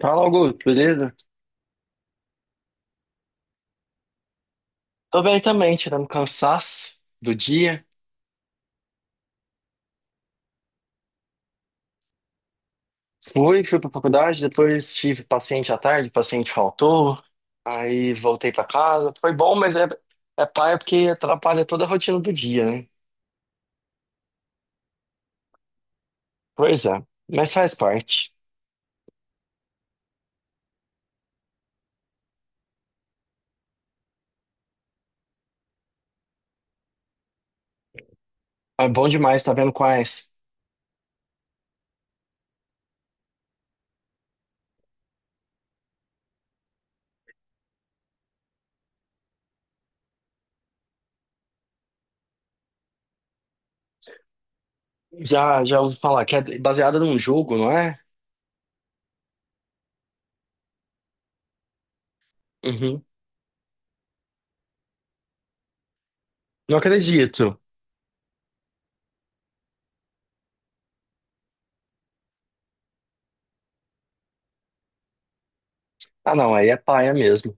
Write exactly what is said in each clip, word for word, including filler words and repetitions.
Fala, Augusto, beleza? Tô bem também, tirando cansaço do dia. Fui, fui pra faculdade, depois tive paciente à tarde, paciente faltou, aí voltei pra casa. Foi bom, mas é, é paia porque atrapalha toda a rotina do dia, né? Pois é, mas faz parte. É bom demais, tá vendo quais? Já, já ouvi falar que é baseada num jogo, não é? Uhum. Não acredito. Ah, não, aí é paia mesmo.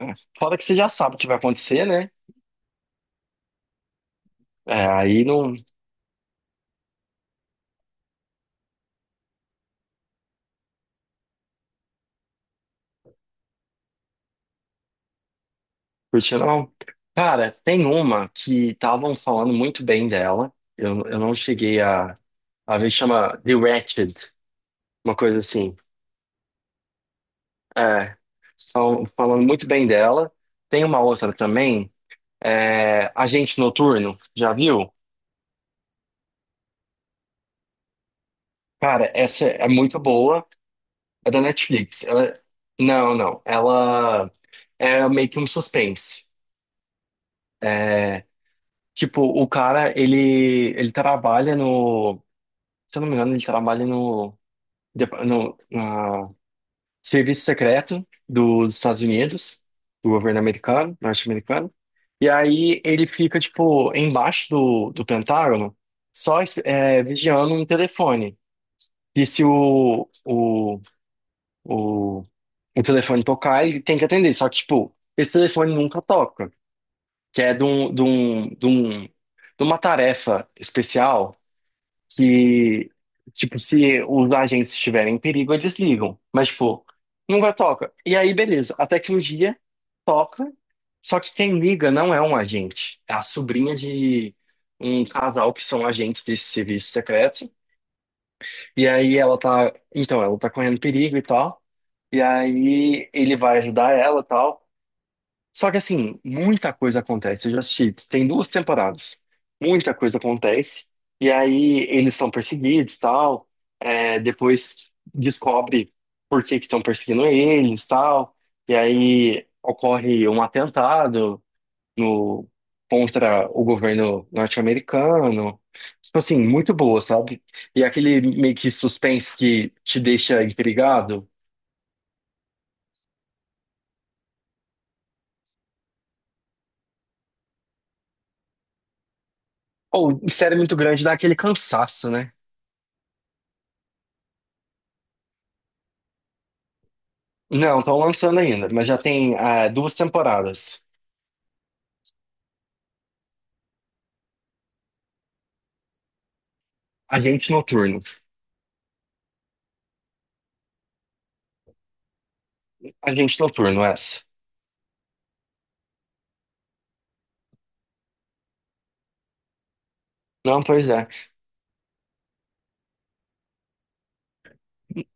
É. Fora que você já sabe o que vai acontecer, né? É, aí não. Curtiu, não? Cara, tem uma que estavam falando muito bem dela. Eu, eu não cheguei a, a ver, chama The Wretched, uma coisa assim. É, estão falando muito bem dela. Tem uma outra também, é, Agente Noturno, já viu? Cara, essa é muito boa, é da Netflix. Ela- não, não, ela é meio que um suspense. É, tipo, o cara, ele, ele trabalha no... Se eu não me engano, ele trabalha no Depa- no, na- serviço secreto dos Estados Unidos, do governo americano, norte-americano. E aí ele fica, tipo, embaixo do, do Pentágono, só é, vigiando um telefone. E se o, o, o, o telefone tocar, ele tem que atender. Só que, tipo, esse telefone nunca toca, que é de, um, de, um, de, um, de uma tarefa especial que, tipo, se os agentes estiverem em perigo, eles ligam. Mas, tipo, nunca toca. E aí, beleza. Até que um dia toca. Só que quem liga não é um agente. É a sobrinha de um casal que são agentes desse serviço secreto. E aí ela tá. Então, ela tá correndo perigo e tal. E aí ele vai ajudar ela e tal. Só que assim, muita coisa acontece. Eu já assisti, tem duas temporadas. Muita coisa acontece. E aí eles são perseguidos, tal. É, depois descobre por que que estão perseguindo eles, tal. E aí ocorre um atentado no contra o governo norte-americano. Tipo assim, muito boa, sabe? E aquele meio que suspense que te deixa intrigado. Ou série muito grande dá aquele cansaço, né? Não, estão lançando ainda, mas já tem ah, duas temporadas. Agente Noturno. Agente Noturno, essa. Não, pois é.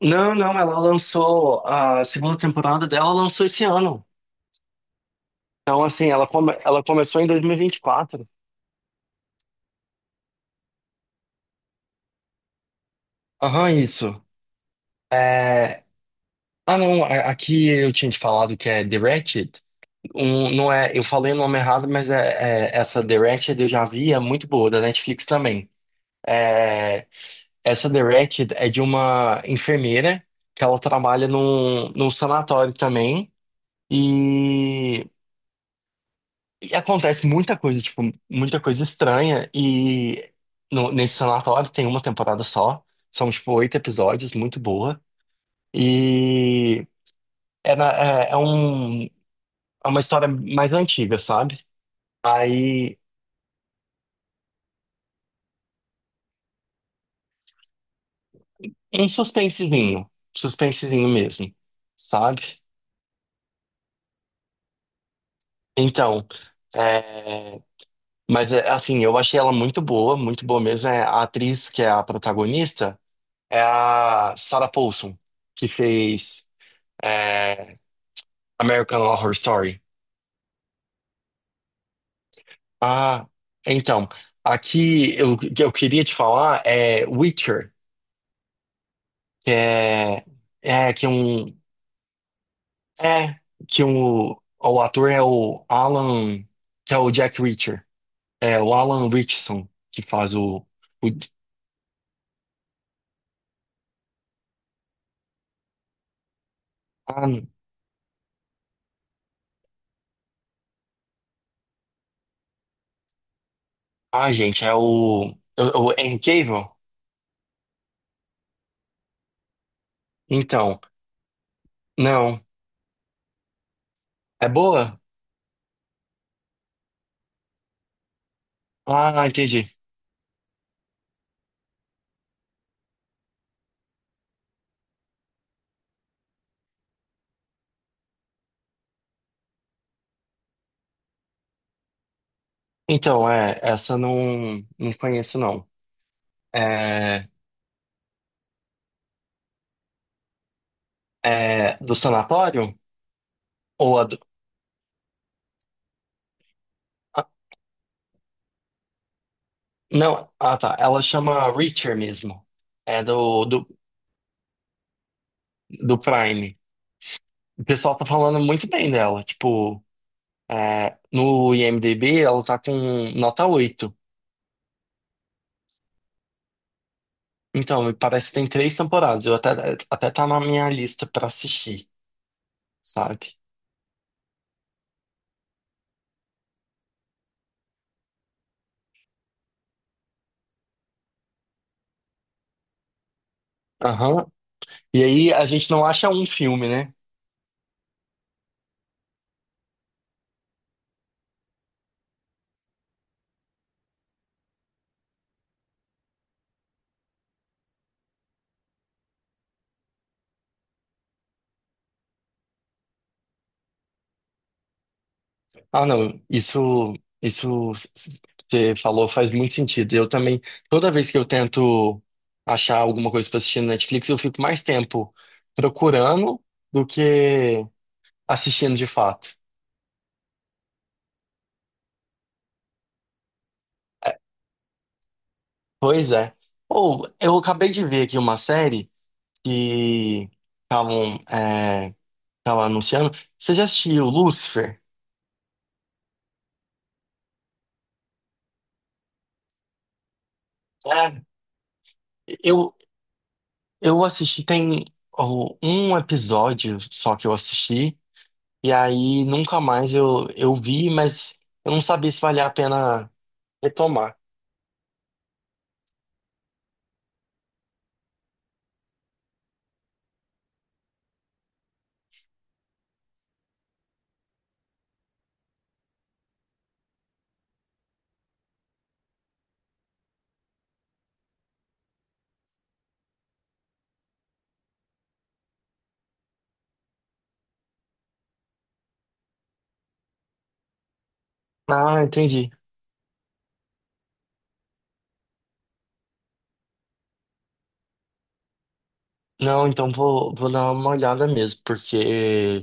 Não, não, ela lançou a segunda temporada dela, ela lançou esse ano. Então, assim, ela, come- ela começou em dois mil e vinte e quatro. Aham, isso. É... Ah, não, a- aqui eu tinha te falado que é The Ratched. Um, não é, eu falei o nome errado, mas é, é- essa The Ratched eu já vi, é muito boa, da Netflix também. Essa The Wretched é de uma enfermeira que ela trabalha num, num sanatório também. E, e acontece muita coisa, tipo, muita coisa estranha. E no- nesse sanatório tem uma temporada só. São, tipo, oito episódios, muito boa. E é, na- é, é um, é uma história mais antiga, sabe? Aí, um suspensezinho. Suspensezinho mesmo, sabe? Então. é, Mas, é, assim, eu achei ela muito boa, muito boa mesmo. É, a atriz que é a protagonista é a Sarah Paulson, que fez é, American Horror Story. Ah, então, aqui eu, que eu queria te falar é Witcher, que é, é que é um é que um, o ator é o Alan, que é o Jack Reacher. É o Alan Richardson que faz o, o ah, ah, gente, é o, o, o Henry Cavill. Então, não. É boa? Ah, entendi. Então, é, essa não, não conheço, não. É, é do sanatório? Ou a do... ah, não, ah tá, ela chama Reacher mesmo. É do, do, do Prime. O pessoal tá falando muito bem dela. Tipo, é, no IMDb ela tá com nota oito. Então, me parece que tem três temporadas. Eu até, até tá na minha lista pra assistir, sabe? Aham. E aí a gente não acha um filme, né? Ah, não, isso, isso que você falou faz muito sentido. Eu também, toda vez que eu tento achar alguma coisa pra assistir no Netflix, eu fico mais tempo procurando do que assistindo de fato. É, pois é. Ou eu acabei de ver aqui uma série que estavam é, tavam anunciando. Você já assistiu Lucifer? É, eu, eu assisti, tem ó, um episódio só que eu assisti. E aí nunca mais eu, eu vi, mas eu não sabia se valia a pena retomar. Ah, entendi. Não, então vou, vou dar uma olhada mesmo, porque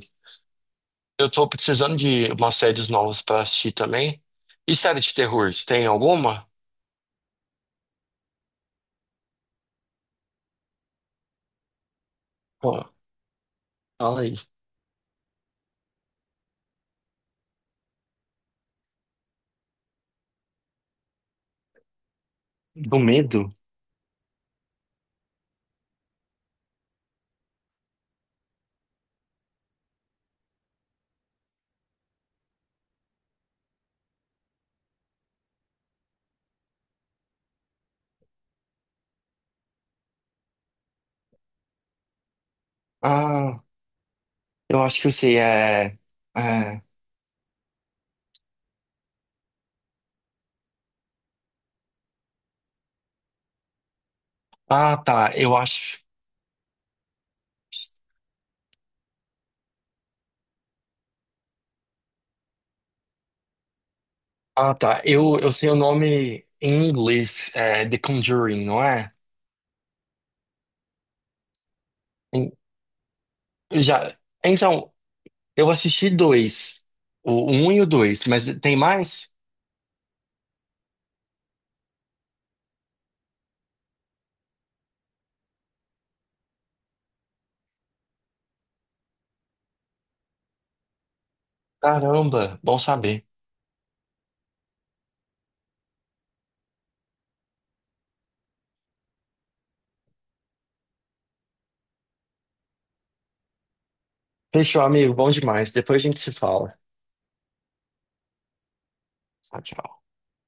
eu tô precisando de umas séries novas pra assistir também. E série de terror, você tem alguma? Pô, fala aí. Do medo? Ah, eu acho que eu sei, é... é... Ah, tá, eu acho... Ah, tá, eu, eu sei o nome em inglês, é The Conjuring, não é? Em- Já... Então, eu assisti dois, o um e o dois, mas tem mais? Caramba, bom saber. Fechou, amigo, bom demais. Depois a gente se fala. Tchau, tchau.